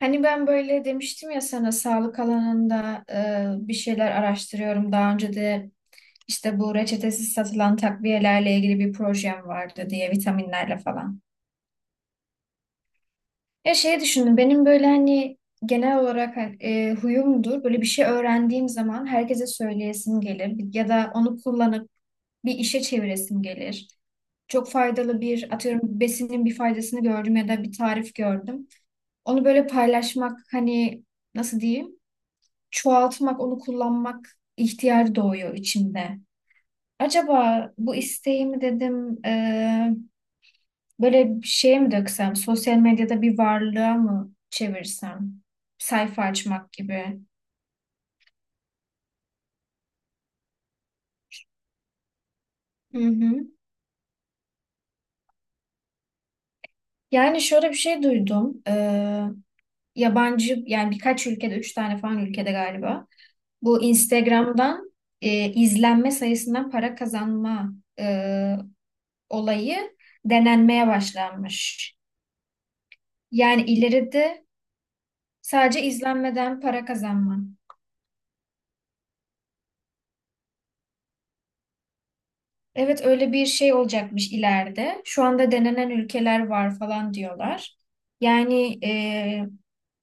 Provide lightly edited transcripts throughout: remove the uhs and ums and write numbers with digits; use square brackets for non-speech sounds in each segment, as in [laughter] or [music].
Hani ben böyle demiştim ya sana sağlık alanında bir şeyler araştırıyorum. Daha önce de işte bu reçetesiz satılan takviyelerle ilgili bir projem vardı diye vitaminlerle falan. Ya şey düşündüm benim böyle hani genel olarak hani, huyumdur. Böyle bir şey öğrendiğim zaman herkese söyleyesim gelir ya da onu kullanıp bir işe çeviresim gelir. Çok faydalı bir atıyorum besinin bir faydasını gördüm ya da bir tarif gördüm. Onu böyle paylaşmak hani nasıl diyeyim? Çoğaltmak, onu kullanmak ihtiyacı doğuyor içimde. Acaba bu isteğimi dedim böyle bir şeye mi döksem, sosyal medyada bir varlığa mı çevirsem, sayfa açmak gibi. Hı hı. Yani şöyle bir şey duydum. Yabancı yani birkaç ülkede, üç tane falan ülkede galiba. Bu Instagram'dan izlenme sayısından para kazanma e, olayı denenmeye başlanmış. Yani ileride sadece izlenmeden para kazanma. Evet öyle bir şey olacakmış ileride. Şu anda denenen ülkeler var falan diyorlar. Yani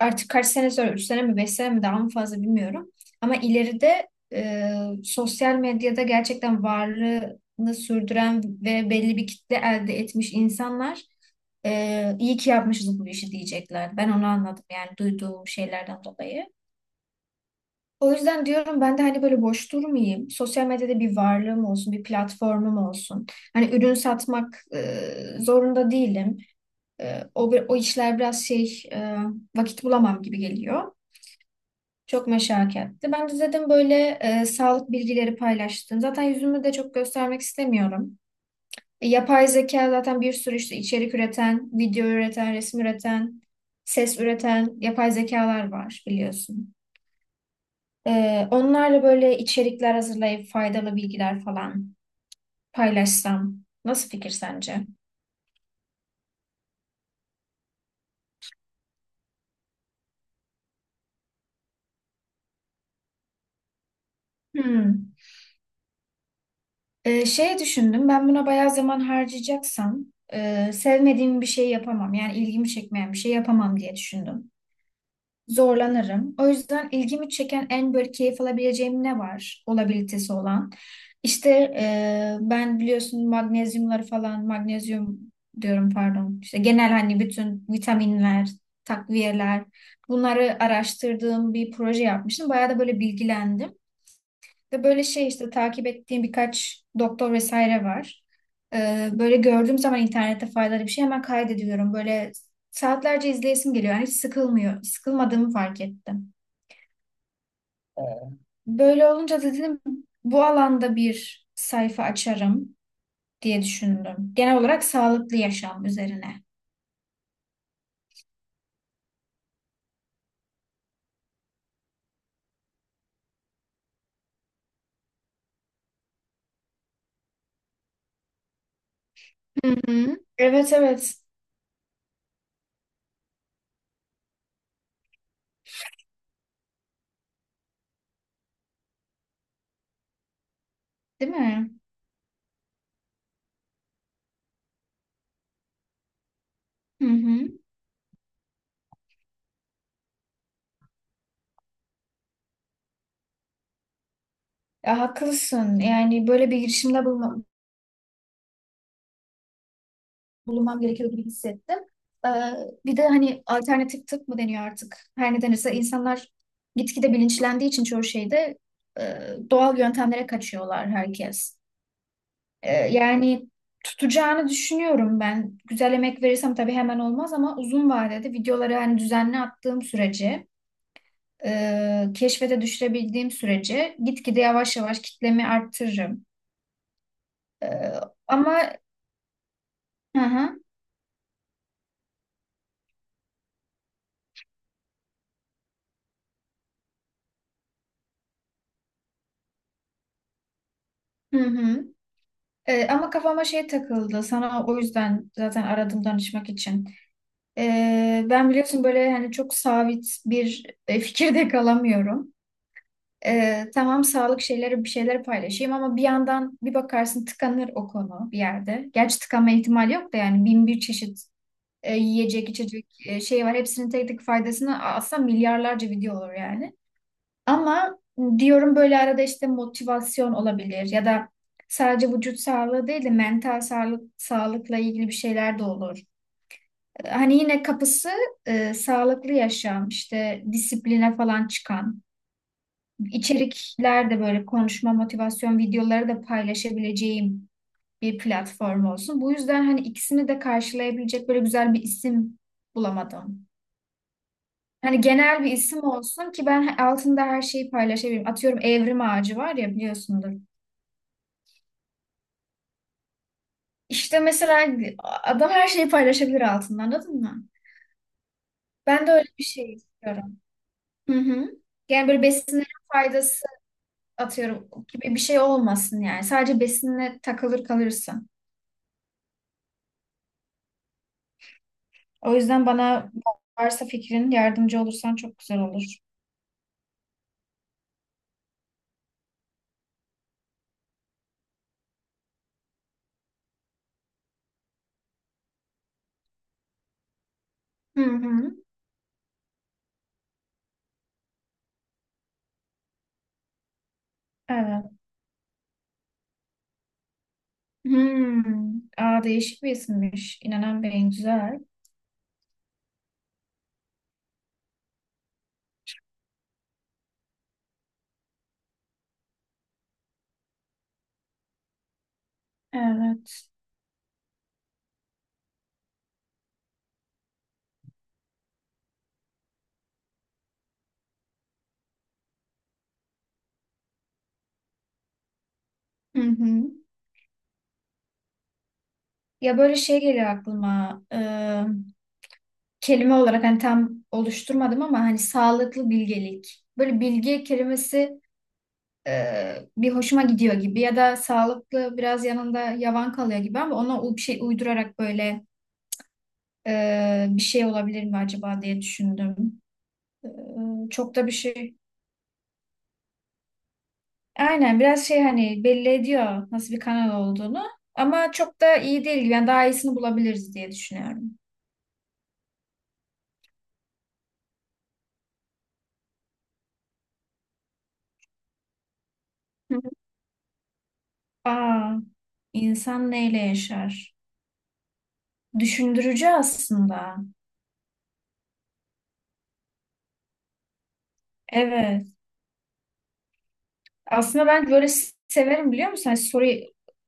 artık kaç sene sonra, 3 sene mi 5 sene mi daha mı fazla bilmiyorum. Ama ileride e, sosyal medyada gerçekten varlığını sürdüren ve belli bir kitle elde etmiş insanlar iyi ki yapmışız bu işi diyecekler. Ben onu anladım yani duyduğum şeylerden dolayı. O yüzden diyorum ben de hani böyle boş durmayayım. Sosyal medyada bir varlığım olsun, bir platformum olsun. Hani ürün satmak zorunda değilim. O işler biraz vakit bulamam gibi geliyor. Çok meşakkatli. Ben de dedim böyle sağlık bilgileri paylaştım. Zaten yüzümü de çok göstermek istemiyorum. Yapay zeka zaten bir sürü işte içerik üreten, video üreten, resim üreten, ses üreten yapay zekalar var biliyorsun. Onlarla böyle içerikler hazırlayıp faydalı bilgiler falan paylaşsam. Nasıl fikir sence? Hmm. Şey düşündüm ben buna bayağı zaman harcayacaksam sevmediğim bir şey yapamam. Yani ilgimi çekmeyen bir şey yapamam diye düşündüm. Zorlanırım. O yüzden ilgimi çeken en böyle keyif alabileceğim ne var? Olabilitesi olan. İşte ben biliyorsun magnezyumları falan, magnezyum diyorum pardon. İşte genel hani bütün vitaminler, takviyeler bunları araştırdığım bir proje yapmıştım. Bayağı da böyle bilgilendim de böyle şey işte takip ettiğim birkaç doktor vesaire var. Böyle gördüğüm zaman internette faydalı bir şey hemen kaydediyorum. Böyle saatlerce izleyesim geliyor. Yani hiç sıkılmıyor. Sıkılmadığımı fark ettim. Böyle olunca da dedim bu alanda bir sayfa açarım diye düşündüm. Genel olarak sağlıklı yaşam üzerine. Hı hı. Evet, evet. Değil mi? Hı hı. Ya, haklısın. Yani böyle bir bulunmam gerekiyor gibi hissettim. Ee, Bir de hani alternatif tıp mı deniyor artık? Her ne denirse insanlar gitgide bilinçlendiği için çoğu şeyde e, doğal yöntemlere kaçıyorlar herkes. Yani tutacağını düşünüyorum ben. Güzel emek verirsem tabii hemen olmaz ama uzun vadede videoları hani düzenli attığım sürece keşfete düşürebildiğim sürece gitgide yavaş yavaş kitlemi arttırırım. E, ama hı hı, hı hı. Ama kafama şey takıldı. Sana o yüzden zaten aradım danışmak için. Ben biliyorsun böyle hani çok sabit bir fikirde [laughs] kalamıyorum. Tamam sağlık şeyleri bir şeyler paylaşayım ama bir yandan bir bakarsın tıkanır o konu bir yerde. Gerçi tıkanma ihtimali yok da yani bin bir çeşit yiyecek içecek şey var. Hepsinin tek tek faydasını aslında milyarlarca video olur yani. Ama diyorum böyle arada işte motivasyon olabilir ya da sadece vücut sağlığı değil de mental sağlıkla ilgili bir şeyler de olur. Hani yine kapısı sağlıklı yaşam, işte disipline falan çıkan içerikler de böyle konuşma motivasyon videoları da paylaşabileceğim bir platform olsun. Bu yüzden hani ikisini de karşılayabilecek böyle güzel bir isim bulamadım. Hani genel bir isim olsun ki ben altında her şeyi paylaşabileyim. Atıyorum Evrim Ağacı var ya biliyorsundur. İşte mesela adam her şeyi paylaşabilir altında anladın mı? Ben de öyle bir şey istiyorum. Hı hı. Yani böyle besinlerin faydası atıyorum gibi bir şey olmasın yani. Sadece besinle takılır kalırsın. O yüzden bana varsa fikrin yardımcı olursan çok güzel olur. Hı hı. Evet. Hmm. Aa, değişik bir isimmiş. İnanan Bey'in güzel. Evet. Hı hı. Ya böyle şey geliyor aklıma. Kelime olarak hani tam oluşturmadım ama hani sağlıklı bilgelik. Böyle bilge kelimesi bir hoşuma gidiyor gibi ya da sağlıklı biraz yanında yavan kalıyor gibi ama ona bir şey uydurarak böyle bir şey olabilir mi acaba diye düşündüm. Çok da bir şey. Aynen biraz şey hani belli ediyor nasıl bir kanal olduğunu ama çok da iyi değil gibi. Yani daha iyisini bulabiliriz diye düşünüyorum. Hı hı. Aa, insan neyle yaşar? Düşündürücü aslında. Evet. Aslında ben böyle severim biliyor musun? Hani soru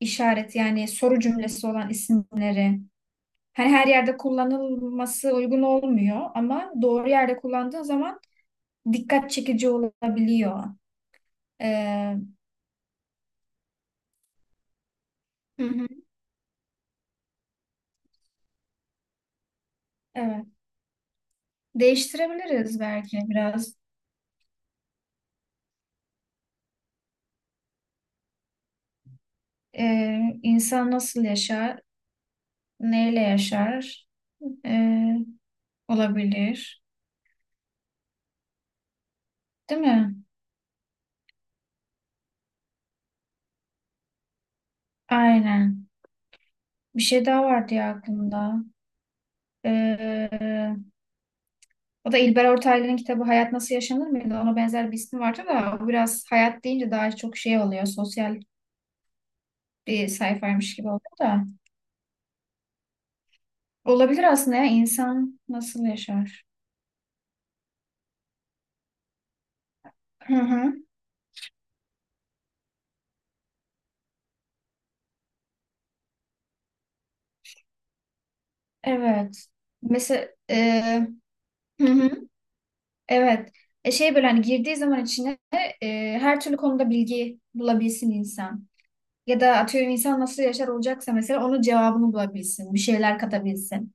işareti yani soru cümlesi olan isimleri. Hani her yerde kullanılması uygun olmuyor ama doğru yerde kullandığın zaman dikkat çekici olabiliyor. Ee, Hı hı. Evet. Değiştirebiliriz belki biraz. İnsan nasıl yaşar, neyle yaşar Ee, olabilir. Değil mi? Aynen. Bir şey daha vardı ya aklımda. Ee, O da İlber Ortaylı'nın kitabı Hayat Nasıl Yaşanır mıydı? Ona benzer bir ismi vardı da o biraz hayat deyince daha çok şey oluyor. Sosyal bir sayfaymış gibi oluyor da. Olabilir aslında ya insan nasıl yaşar? Hı hı. Evet. Mesela hı hı. Evet. Şey böyle hani girdiği zaman içine her türlü konuda bilgi bulabilsin insan. Ya da atıyorum insan nasıl yaşar olacaksa mesela onun cevabını bulabilsin. Bir şeyler katabilsin.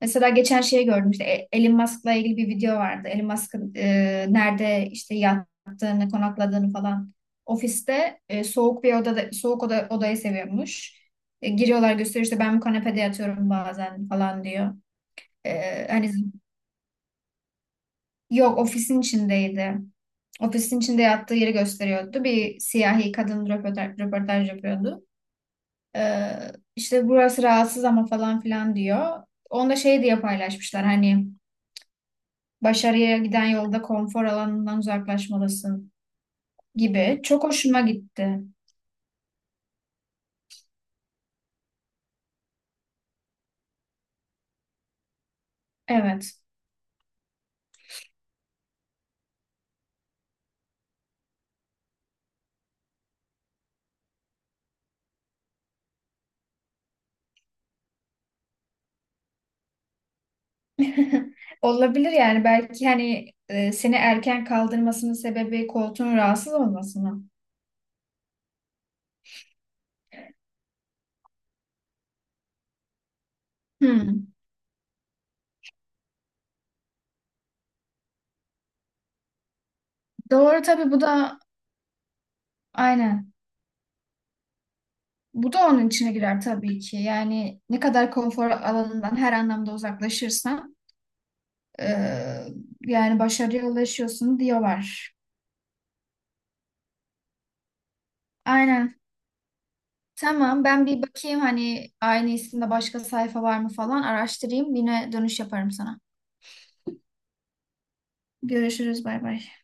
Mesela geçen şeyi gördüm işte Elon Musk'la ilgili bir video vardı. Elon Musk'ın nerede işte yattığını, konakladığını falan. Ofiste soğuk bir odada soğuk oda, odayı seviyormuş. Giriyorlar gösteriyor işte ben bu kanepede yatıyorum bazen falan diyor. Hani yok ofisin içindeydi. Ofisin içinde yattığı yeri gösteriyordu. Bir siyahi kadın röportaj yapıyordu. E, işte burası rahatsız ama falan filan diyor. Onda şey diye paylaşmışlar hani başarıya giden yolda konfor alanından uzaklaşmalısın gibi. Çok hoşuma gitti. Evet. [laughs] Olabilir yani belki hani seni erken kaldırmasının sebebi koltuğun rahatsız olması mı? Hmm. Doğru tabii bu da aynen. Bu da onun içine girer tabii ki. Yani ne kadar konfor alanından her anlamda uzaklaşırsan e, yani başarıya ulaşıyorsun diyorlar. Aynen. Tamam, ben bir bakayım hani aynı isimde başka sayfa var mı falan araştırayım. Yine dönüş yaparım sana. Görüşürüz, bay bay.